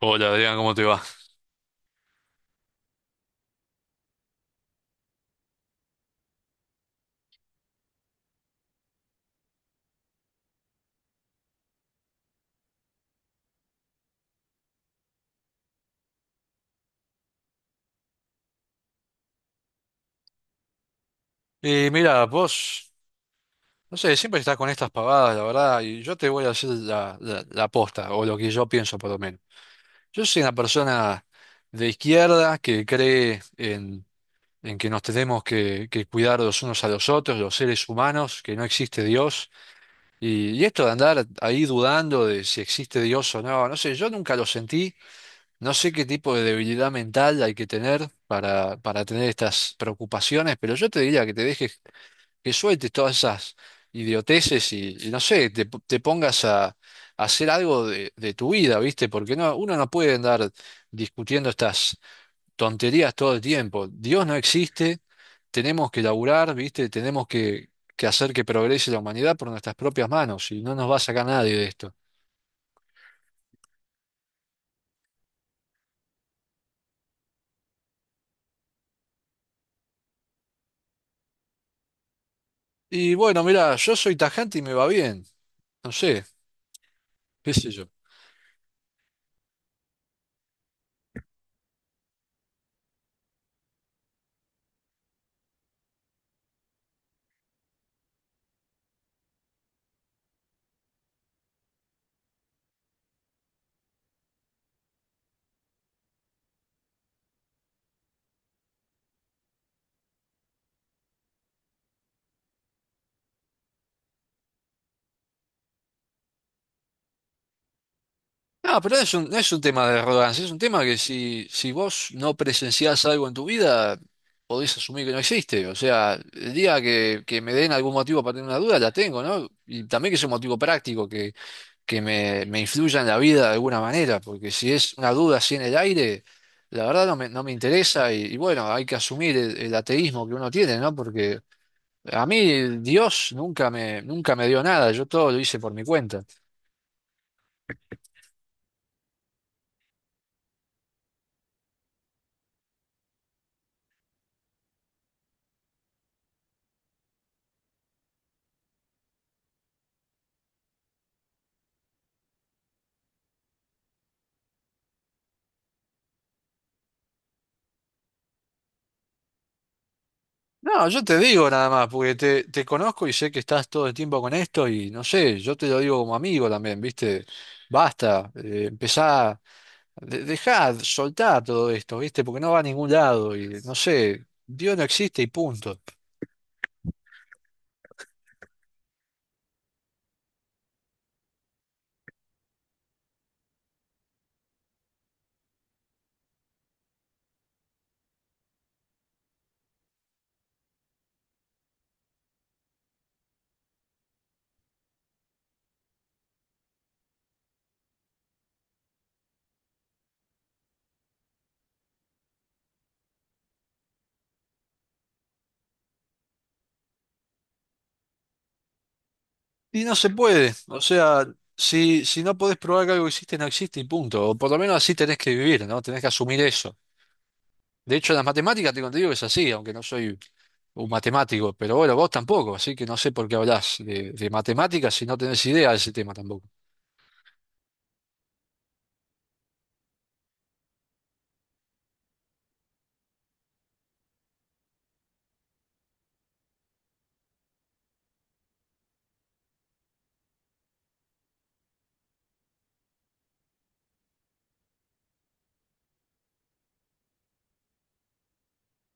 Hola Adrián, ¿cómo te va? Y mira, vos, no sé, siempre estás con estas pavadas, la verdad, y yo te voy a hacer la posta, o lo que yo pienso por lo menos. Yo soy una persona de izquierda que cree en que nos tenemos que cuidar los unos a los otros, los seres humanos, que no existe Dios. Y esto de andar ahí dudando de si existe Dios o no, no sé, yo nunca lo sentí, no sé qué tipo de debilidad mental hay que tener para tener estas preocupaciones, pero yo te diría que te dejes que sueltes todas esas idioteces y no sé, te pongas a hacer algo de tu vida, ¿viste? Porque no, uno no puede andar discutiendo estas tonterías todo el tiempo. Dios no existe, tenemos que laburar, ¿viste? Que hacer que progrese la humanidad por nuestras propias manos y no nos va a sacar nadie de esto. Y bueno, mira, yo soy tajante y me va bien, no sé, qué sé yo. No, pero no es un tema de arrogancia, es un tema que si vos no presenciás algo en tu vida, podés asumir que no existe. O sea, el día que me den algún motivo para tener una duda, la tengo, ¿no? Y también que sea un motivo práctico, que, me influya en la vida de alguna manera, porque si es una duda así en el aire, la verdad no me interesa y bueno, hay que asumir el ateísmo que uno tiene, ¿no? Porque a mí Dios nunca me dio nada, yo todo lo hice por mi cuenta. No, yo te digo nada más, porque te conozco y sé que estás todo el tiempo con esto y no sé, yo te lo digo como amigo también, ¿viste? Basta, empezá, dejá, soltá todo esto, ¿viste? Porque no va a ningún lado y no sé, Dios no existe y punto. Y no se puede, o sea, si no podés probar que algo existe, no existe y punto. O por lo menos así tenés que vivir, ¿no? Tenés que asumir eso. De hecho, en las matemáticas te digo que es así, aunque no soy un matemático, pero bueno, vos tampoco, así que no sé por qué hablás de matemáticas si no tenés idea de ese tema tampoco.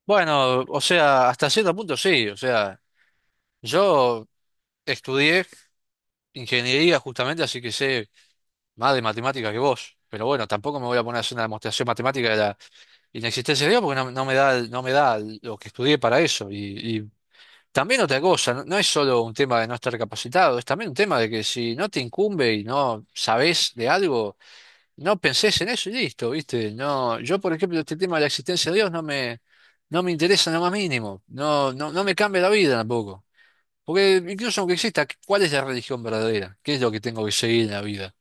Bueno, o sea, hasta cierto punto sí, o sea, yo estudié ingeniería justamente, así que sé más de matemáticas que vos, pero bueno, tampoco me voy a poner a hacer una demostración matemática de la inexistencia de Dios porque no, no me da lo que estudié para eso. Y también otra cosa, no, no es solo un tema de no estar capacitado, es también un tema de que si no te incumbe y no sabés de algo, no pensés en eso y listo, ¿viste? No, yo, por ejemplo, este tema de la existencia de Dios no me interesa en lo más mínimo. No me cambia la vida tampoco. Porque incluso aunque exista, ¿cuál es la religión verdadera? ¿Qué es lo que tengo que seguir en la vida?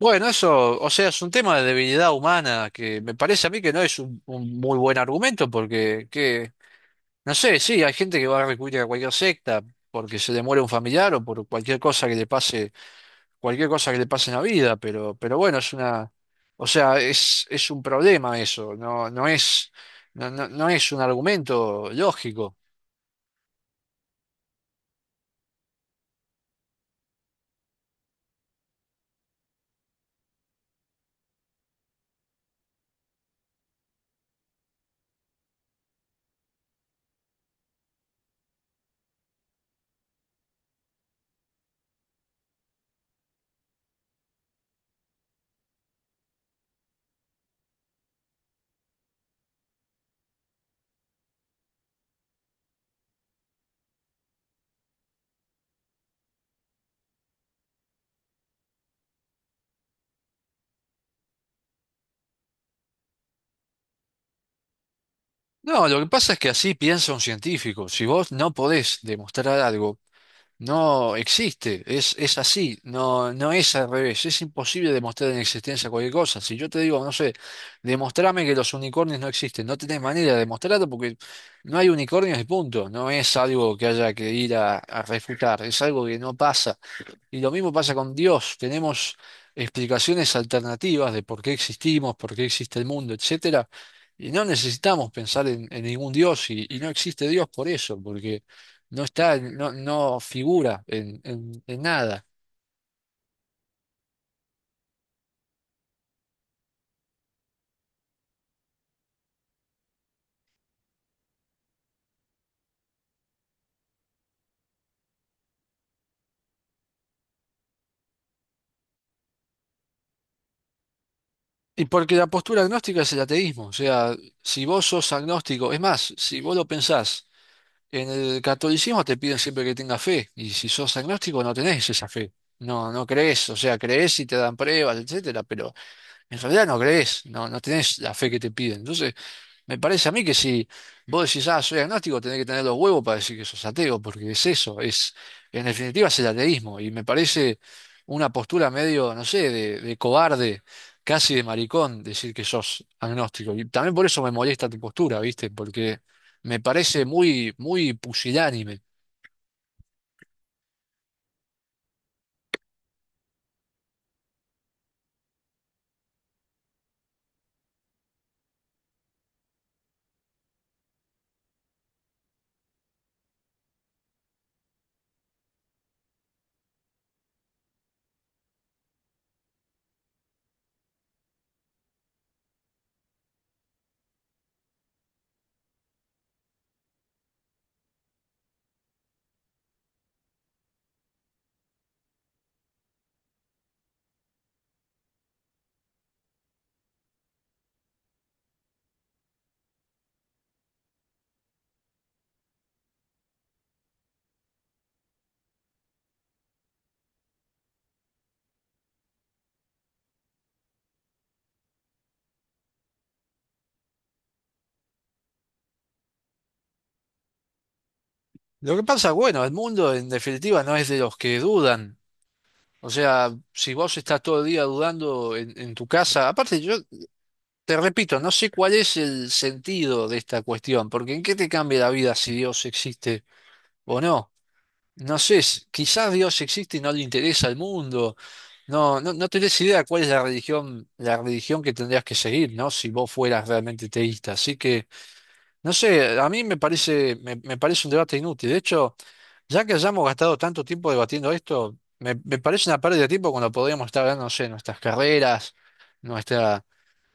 Bueno, eso, o sea, es un tema de debilidad humana que me parece a mí que no es un muy buen argumento porque, que, no sé, sí, hay gente que va a recurrir a cualquier secta porque se le muere un familiar o por cualquier cosa que le pase cualquier cosa que le pase en la vida, pero bueno, es una, o sea, es un problema eso, no, no es un argumento lógico. No, lo que pasa es que así piensa un científico. Si vos no podés demostrar algo, no existe, es así, no, no es al revés, es imposible demostrar en existencia cualquier cosa. Si yo te digo, no sé, demostrame que los unicornios no existen, no tenés manera de demostrarlo porque no hay unicornios y punto, no es algo que haya que ir a refutar, es algo que no pasa. Y lo mismo pasa con Dios. Tenemos explicaciones alternativas de por qué existimos, por qué existe el mundo, etcétera. Y no necesitamos pensar en ningún Dios, y no existe Dios por eso, porque no está, no figura en nada. Y porque la postura agnóstica es el ateísmo. O sea, si vos sos agnóstico, es más, si vos lo pensás, en el catolicismo te piden siempre que tengas fe, y si sos agnóstico no tenés esa fe. No, no crees, o sea, crees y te dan pruebas, etcétera, pero en realidad no crees, no tenés la fe que te piden. Entonces, me parece a mí que si vos decís, ah, soy agnóstico, tenés que tener los huevos para decir que sos ateo, porque es eso, es, en definitiva es el ateísmo, y me parece una postura medio, no sé, de cobarde, casi de maricón, decir que sos agnóstico. Y también por eso me molesta tu postura, ¿viste? Porque me parece muy pusilánime. Lo que pasa, bueno, el mundo en definitiva no es de los que dudan. O sea, si vos estás todo el día dudando en tu casa, aparte yo te repito, no sé cuál es el sentido de esta cuestión, porque ¿en qué te cambia la vida si Dios existe o no? No sé, quizás Dios existe y no le interesa al mundo. No tenés idea cuál es la religión que tendrías que seguir, ¿no? Si vos fueras realmente teísta. Así que, no sé, a mí me parece, me me parece un debate inútil. De hecho, ya que hayamos gastado tanto tiempo debatiendo esto, me parece una pérdida de tiempo cuando podríamos estar hablando, no sé, nuestras carreras, nuestra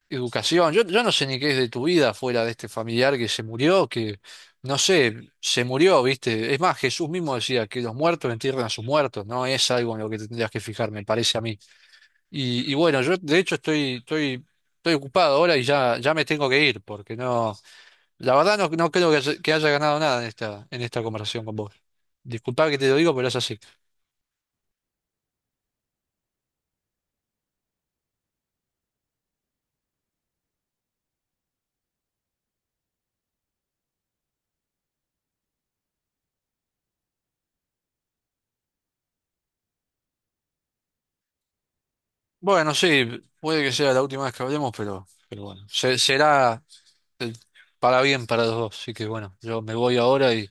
educación. Yo no sé ni qué es de tu vida fuera de este familiar que se murió, que, no sé, se murió, ¿viste? Es más, Jesús mismo decía que los muertos entierran a sus muertos, no es algo en lo que te tendrías que fijar, me parece a mí. Y bueno, yo de hecho estoy ocupado ahora y ya, ya me tengo que ir, porque no, la verdad no, no creo que que haya ganado nada en en esta conversación con vos. Disculpa que te lo digo, pero es así. Bueno, sí, puede que sea la última vez que hablemos, pero bueno, será eh, para bien para los dos. Así que bueno, yo me voy ahora y...